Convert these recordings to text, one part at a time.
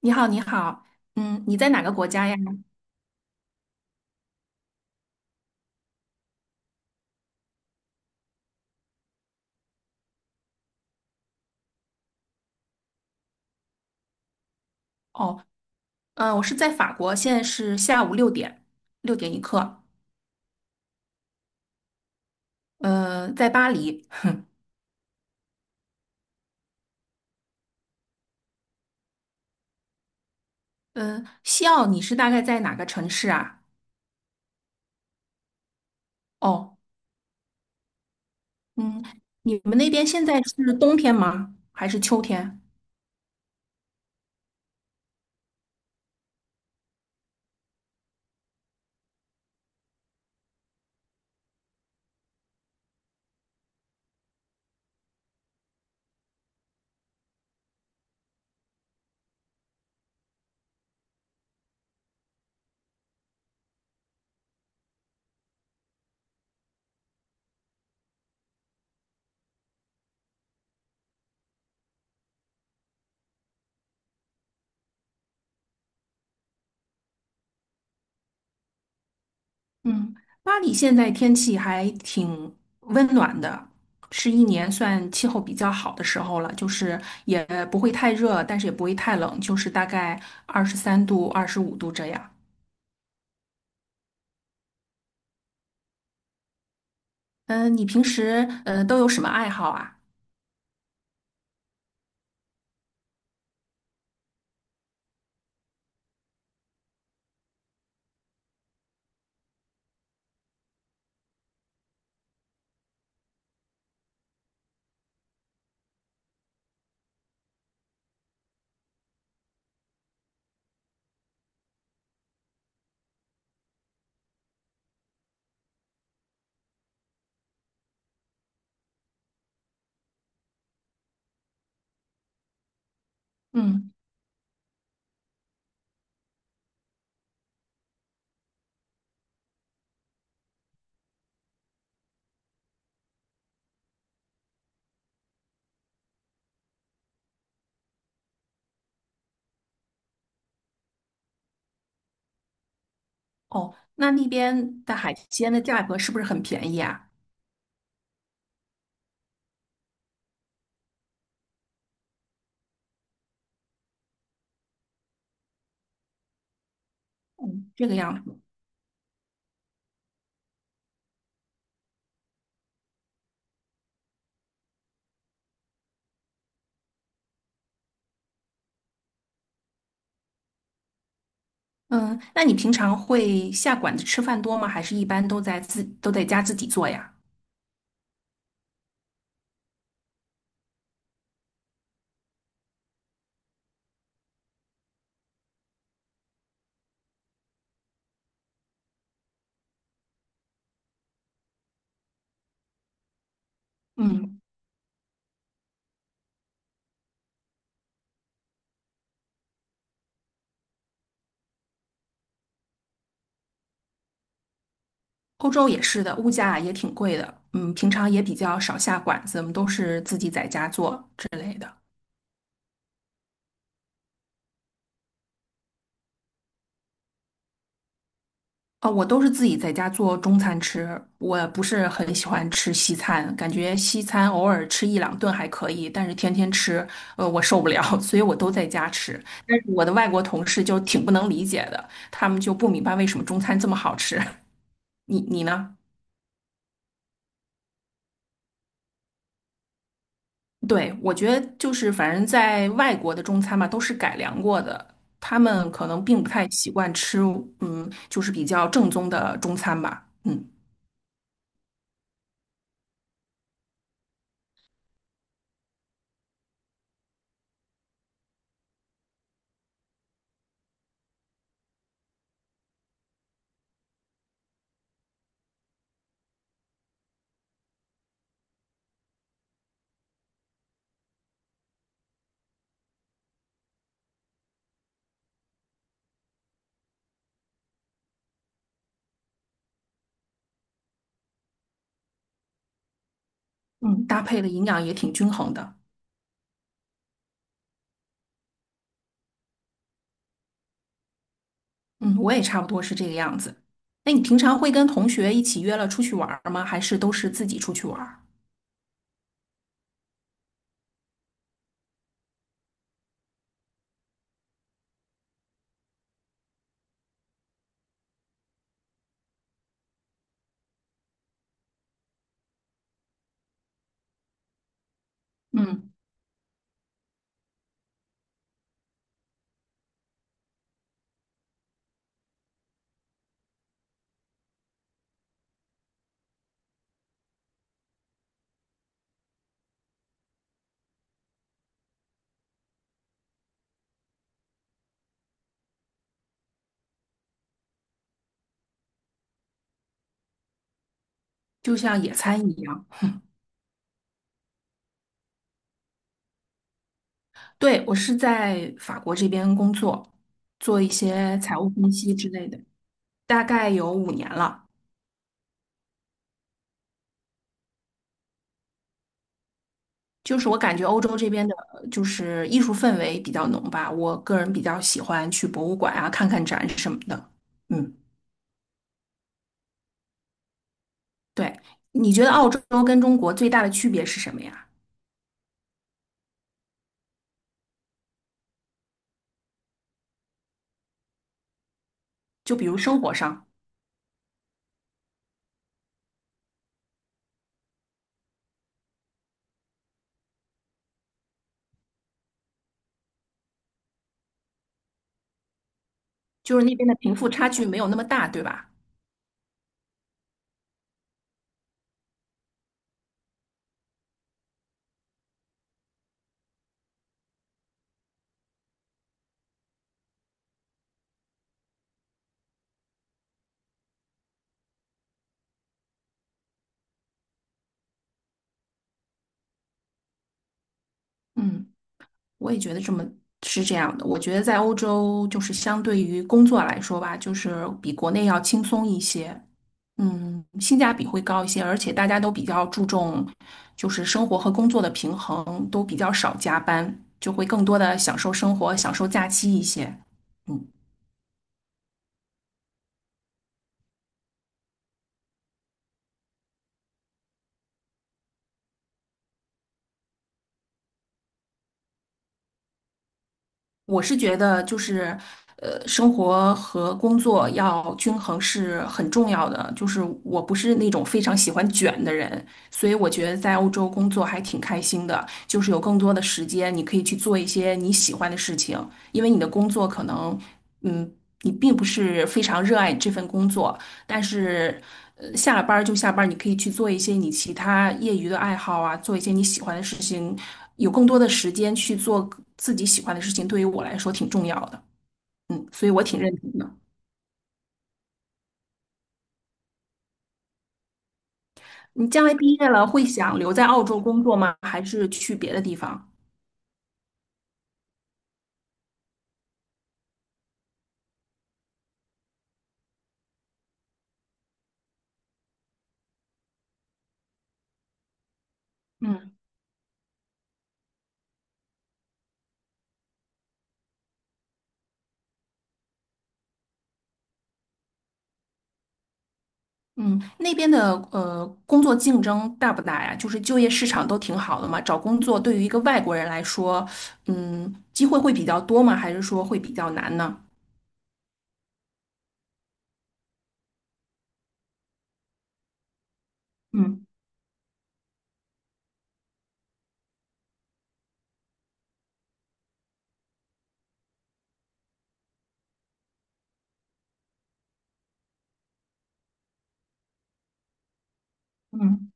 你好，你好，嗯，你在哪个国家呀？哦，嗯，我是在法国，现在是下午六点，6点一刻，在巴黎，哼。嗯，西奥，你是大概在哪个城市啊？哦，嗯，你们那边现在是冬天吗？还是秋天？嗯，巴黎现在天气还挺温暖的，是一年算气候比较好的时候了，就是也不会太热，但是也不会太冷，就是大概23度、25度这样。你平时都有什么爱好啊？嗯，哦，那那边的海鲜的价格是不是很便宜啊？嗯，这个样子。嗯，那你平常会下馆子吃饭多吗？还是一般都在自都在家自己做呀？嗯，欧洲也是的，物价也挺贵的。嗯，平常也比较少下馆子，我们都是自己在家做之类的。啊，我都是自己在家做中餐吃，我不是很喜欢吃西餐，感觉西餐偶尔吃一两顿还可以，但是天天吃，我受不了，所以我都在家吃。但是我的外国同事就挺不能理解的，他们就不明白为什么中餐这么好吃。你呢？对，我觉得就是反正在外国的中餐嘛，都是改良过的，他们可能并不太习惯吃，嗯，就是比较正宗的中餐吧。嗯嗯，搭配的营养也挺均衡的。嗯，我也差不多是这个样子。那你平常会跟同学一起约了出去玩儿吗？还是都是自己出去玩儿？嗯，就像野餐一样。对，我是在法国这边工作，做一些财务分析之类的，大概有5年了。就是我感觉欧洲这边的，就是艺术氛围比较浓吧。我个人比较喜欢去博物馆啊，看看展什么的。嗯，对。你觉得澳洲跟中国最大的区别是什么呀？就比如生活上。就是那边的贫富差距没有那么大，对吧？嗯，我也觉得这么是这样的。我觉得在欧洲，就是相对于工作来说吧，就是比国内要轻松一些，嗯，性价比会高一些，而且大家都比较注重就是生活和工作的平衡，都比较少加班，就会更多的享受生活、享受假期一些。嗯。我是觉得就是，生活和工作要均衡是很重要的。就是我不是那种非常喜欢卷的人，所以我觉得在欧洲工作还挺开心的，就是有更多的时间，你可以去做一些你喜欢的事情，因为你的工作可能，嗯，你并不是非常热爱这份工作，但是，下了班儿就下班儿，你可以去做一些你其他业余的爱好啊，做一些你喜欢的事情，有更多的时间去做自己喜欢的事情，对于我来说挺重要的。嗯，所以我挺认同的。你将来毕业了会想留在澳洲工作吗？还是去别的地方？嗯嗯，那边的工作竞争大不大呀？就是就业市场都挺好的嘛，找工作对于一个外国人来说，嗯，机会会比较多吗？还是说会比较难呢？嗯嗯。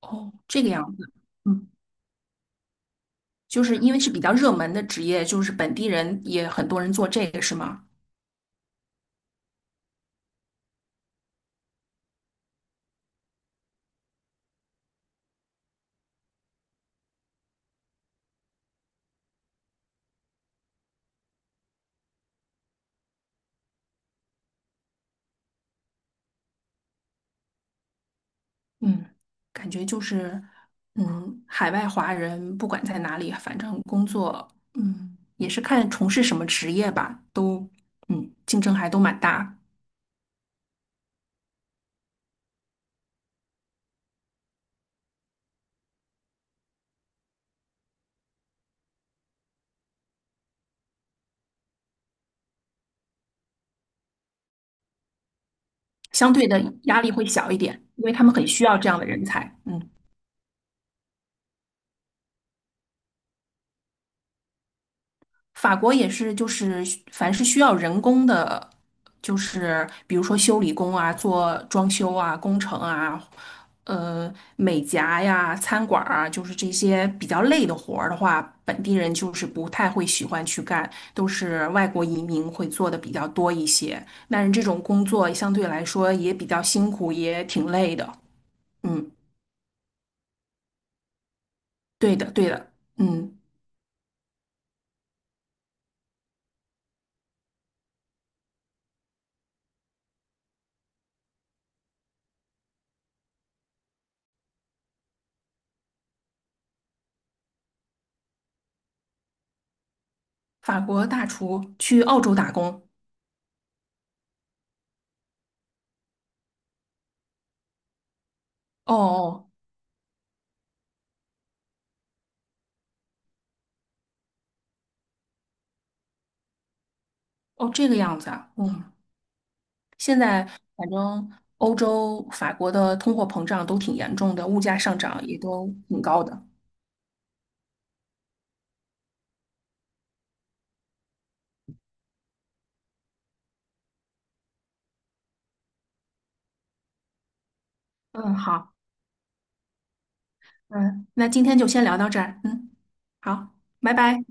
哦，这个样子。嗯，就是因为是比较热门的职业，就是本地人也很多人做这个，是吗？嗯，感觉就是，嗯，海外华人不管在哪里，反正工作，嗯，也是看从事什么职业吧，都，嗯，竞争还都蛮大，相对的压力会小一点，因为他们很需要这样的人才。嗯。法国也是，就是凡是需要人工的，就是比如说修理工啊、做装修啊、工程啊、美甲呀、餐馆儿啊，就是这些比较累的活儿的话，本地人就是不太会喜欢去干，都是外国移民会做的比较多一些。但是这种工作相对来说也比较辛苦，也挺累的。嗯，对的，对的。嗯，法国大厨去澳洲打工。哦哦哦，这个样子啊。嗯。现在反正欧洲、法国的通货膨胀都挺严重的，物价上涨也都挺高的。嗯，好。嗯，那今天就先聊到这儿。嗯，好，拜拜。